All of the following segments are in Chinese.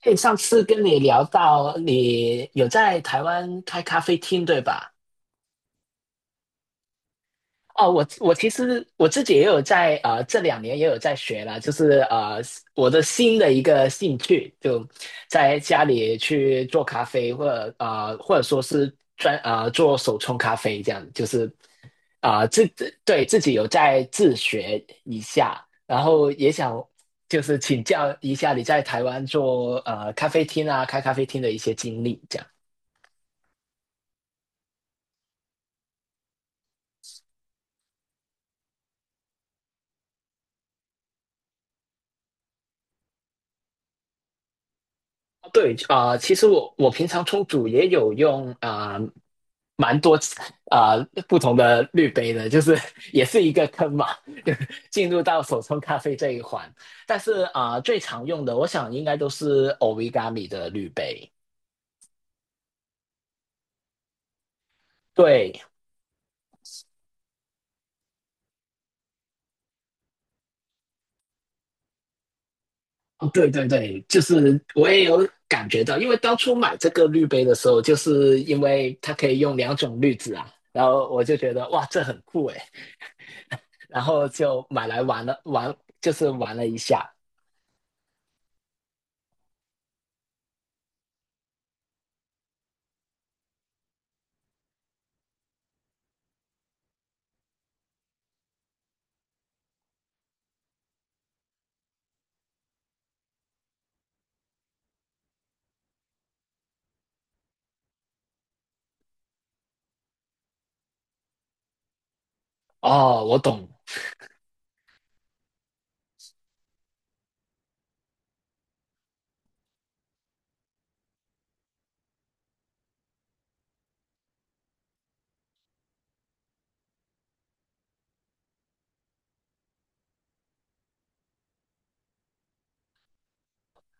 对，上次跟你聊到你有在台湾开咖啡厅，对吧？哦，我其实我自己也有在这两年也有在学啦，就是我的新的一个兴趣，就在家里去做咖啡，或者或者说是做手冲咖啡这样，就是啊、呃自对自己有在自学一下，然后也想就是请教一下你在台湾做呃咖啡厅啊开咖啡厅的一些经历，这样。对，其实我平常冲煮也有用蛮多啊、不同的滤杯的，就是 也是一个坑嘛，就进入到手冲咖啡这一环。但是最常用的，我想应该都是 Origami 的滤杯。对，哦对对对，就是我也有感觉到，因为当初买这个滤杯的时候，就是因为它可以用两种滤纸啊，然后我就觉得哇，这很酷诶，然后就买来玩了玩，就是玩了一下。哦，我懂，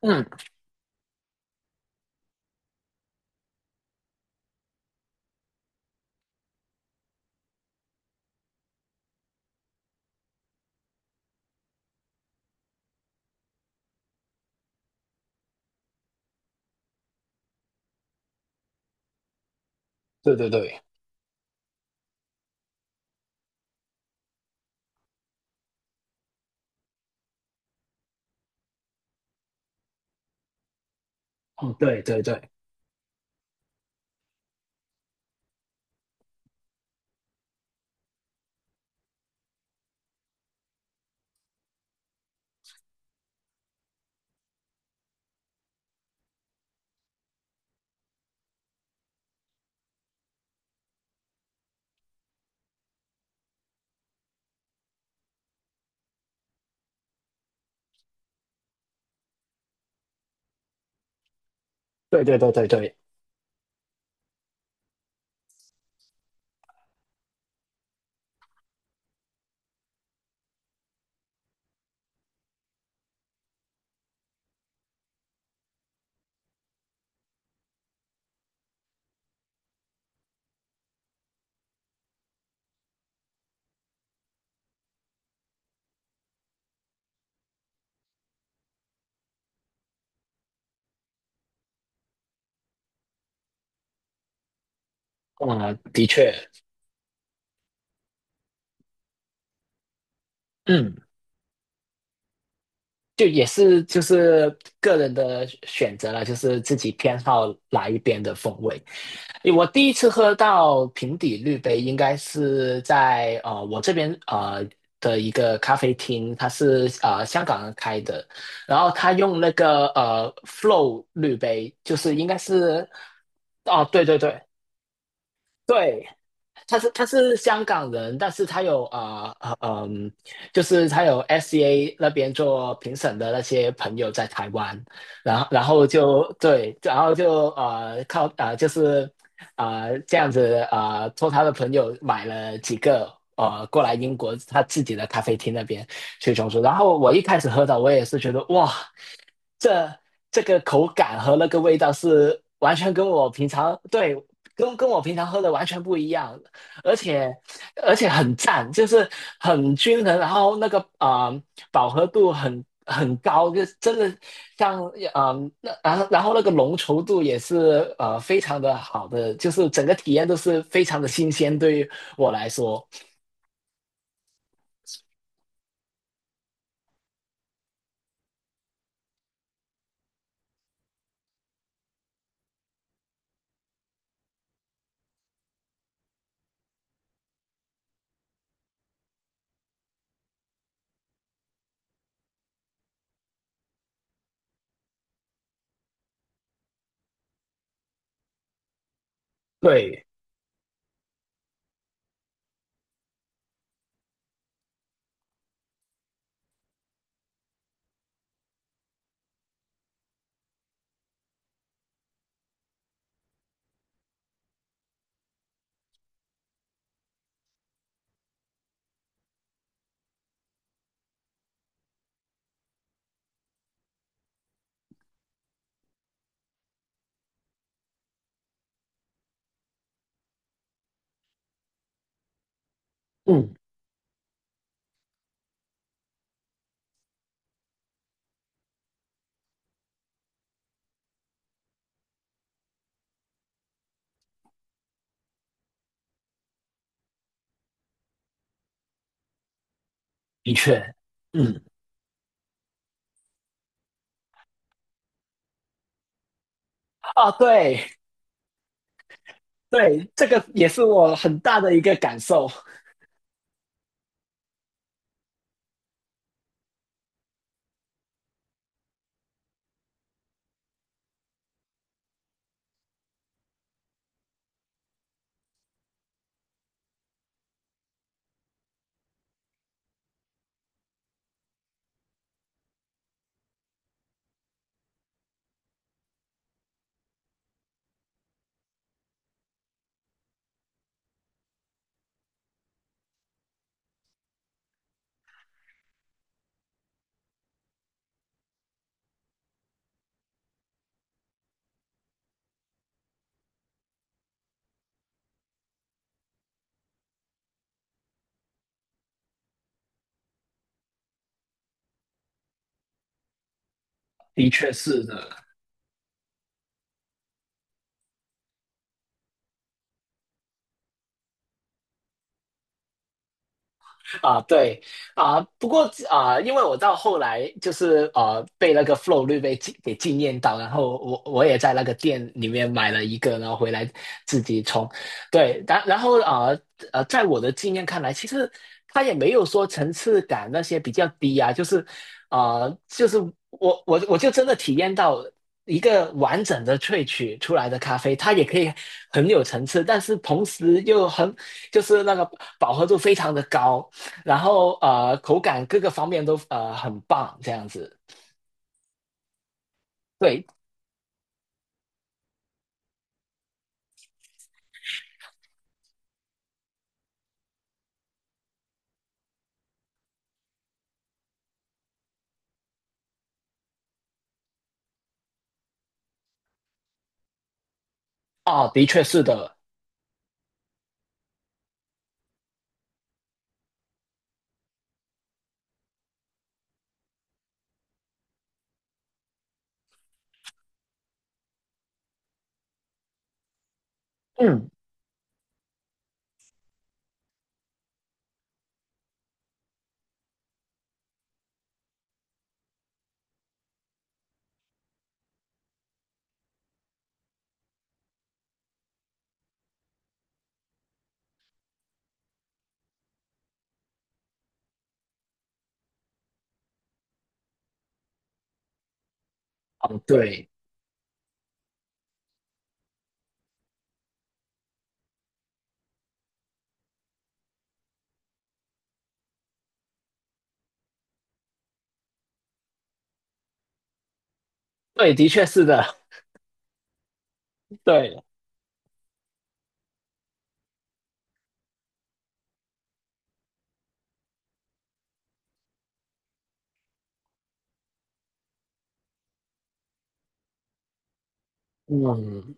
嗯，对对对，嗯，对对对，对对对对对，嗯，的确，嗯，就也是就是个人的选择了，就是自己偏好哪一边的风味。我第一次喝到平底滤杯，应该是在我这边的一个咖啡厅，它是香港人开的，然后他用那个Flow 滤杯，就是应该是哦对对对对，他是他是香港人，但是他有啊呃呃嗯，就是他有 SCA 那边做评审的那些朋友在台湾，然后就对，然后就靠就是这样子托他的朋友买了几个过来英国他自己的咖啡厅那边去冲煮，然后我一开始喝到我也是觉得哇，这这个口感和那个味道是完全跟我平常对，跟我平常喝的完全不一样，而且而且很赞，就是很均衡，然后那个饱和度很高，就真的像那然后那个浓稠度也是非常的好的，就是整个体验都是非常的新鲜，对于我来说，对，嗯，的确，嗯，啊，对对，这个也是我很大的一个感受，的确是的。啊，对啊，不过啊，因为我到后来就是被那个 flow 给惊艳到，然后我也在那个店里面买了一个，然后回来自己冲。对，然后在我的经验看来，其实它也没有说层次感那些比较低啊，就是就是我就真的体验到一个完整的萃取出来的咖啡，它也可以很有层次，但是同时又很就是那个饱和度非常的高，然后口感各个方面都很棒，这样子。对，哦，的确是的，嗯，哦，对，对，的确是的，对，嗯。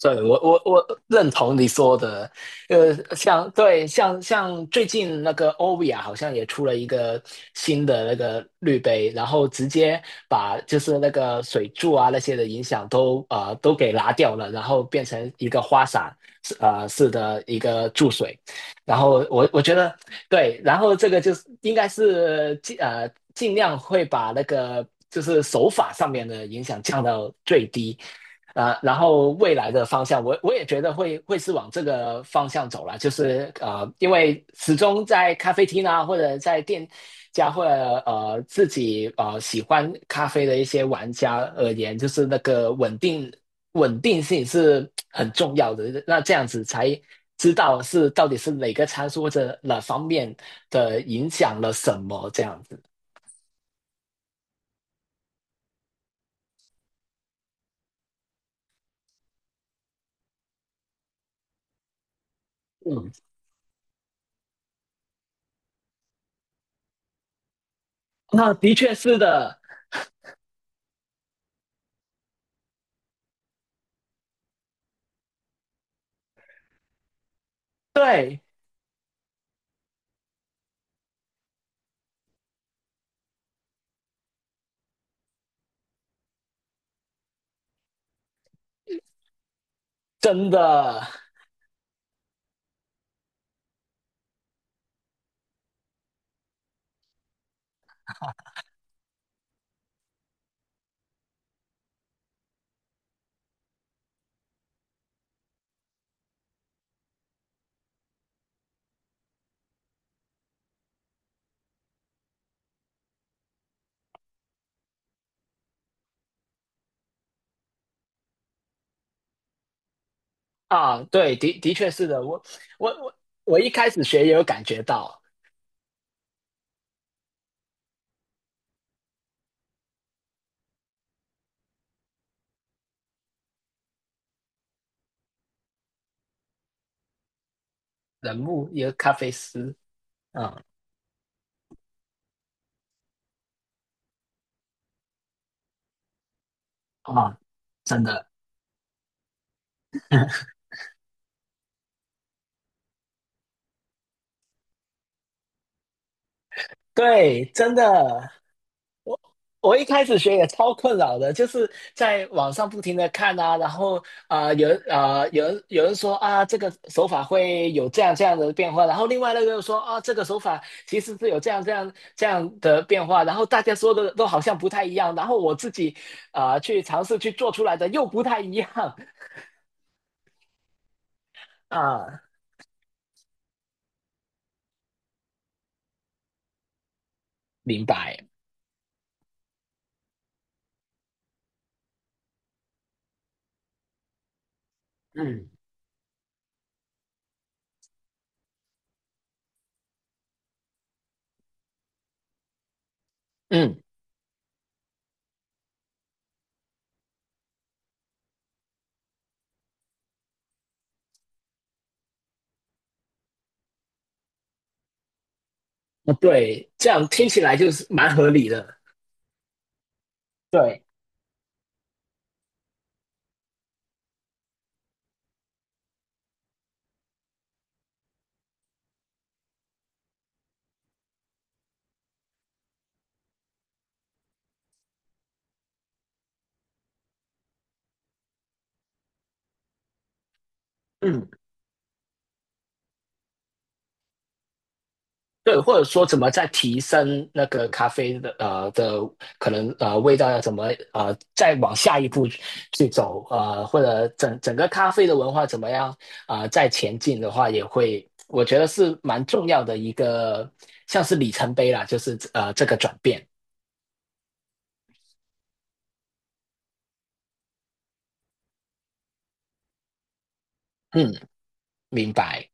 对，我认同你说的，像对像像最近那个欧比亚好像也出了一个新的那个滤杯，然后直接把就是那个水柱啊那些的影响都给拿掉了，然后变成一个花洒式的一个注水，然后我觉得对，然后这个就是应该是尽量会把那个就是手法上面的影响降到最低。然后未来的方向，我也觉得会是往这个方向走了，就是因为始终在咖啡厅啊，或者在店家，或者自己喜欢咖啡的一些玩家而言，就是那个稳定性是很重要的。那这样子才知道是到底是哪个参数或者哪方面的影响了什么这样子。嗯，那的确是的，对，真的。啊，对，的确是的，我我我一开始学也有感觉到人物也有咖啡师，嗯啊，真的，对，真的，我一开始学也超困扰的，就是在网上不停的看啊，然后有人说啊这个手法会有这样这样的变化，然后另外那个又说啊这个手法其实是有这样这样这样的变化，然后大家说的都好像不太一样，然后我自己去尝试去做出来的又不太一样。啊，明白。嗯嗯，对，这样听起来就是蛮合理的。对，嗯对，或者说怎么再提升那个咖啡的可能味道要怎么再往下一步去走或者整个咖啡的文化怎么样再前进的话，也会我觉得是蛮重要的一个像是里程碑啦，就是这个转变。嗯，明白。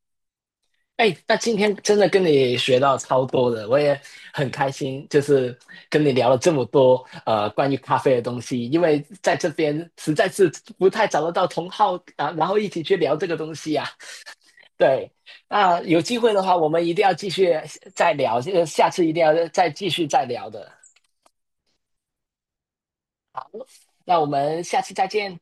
哎，那今天真的跟你学到超多的，我也很开心，就是跟你聊了这么多关于咖啡的东西，因为在这边实在是不太找得到同好啊，然后一起去聊这个东西呀、对，那有机会的话，我们一定要继续再聊，这个下次一定要再继续再聊的。那我们下次再见。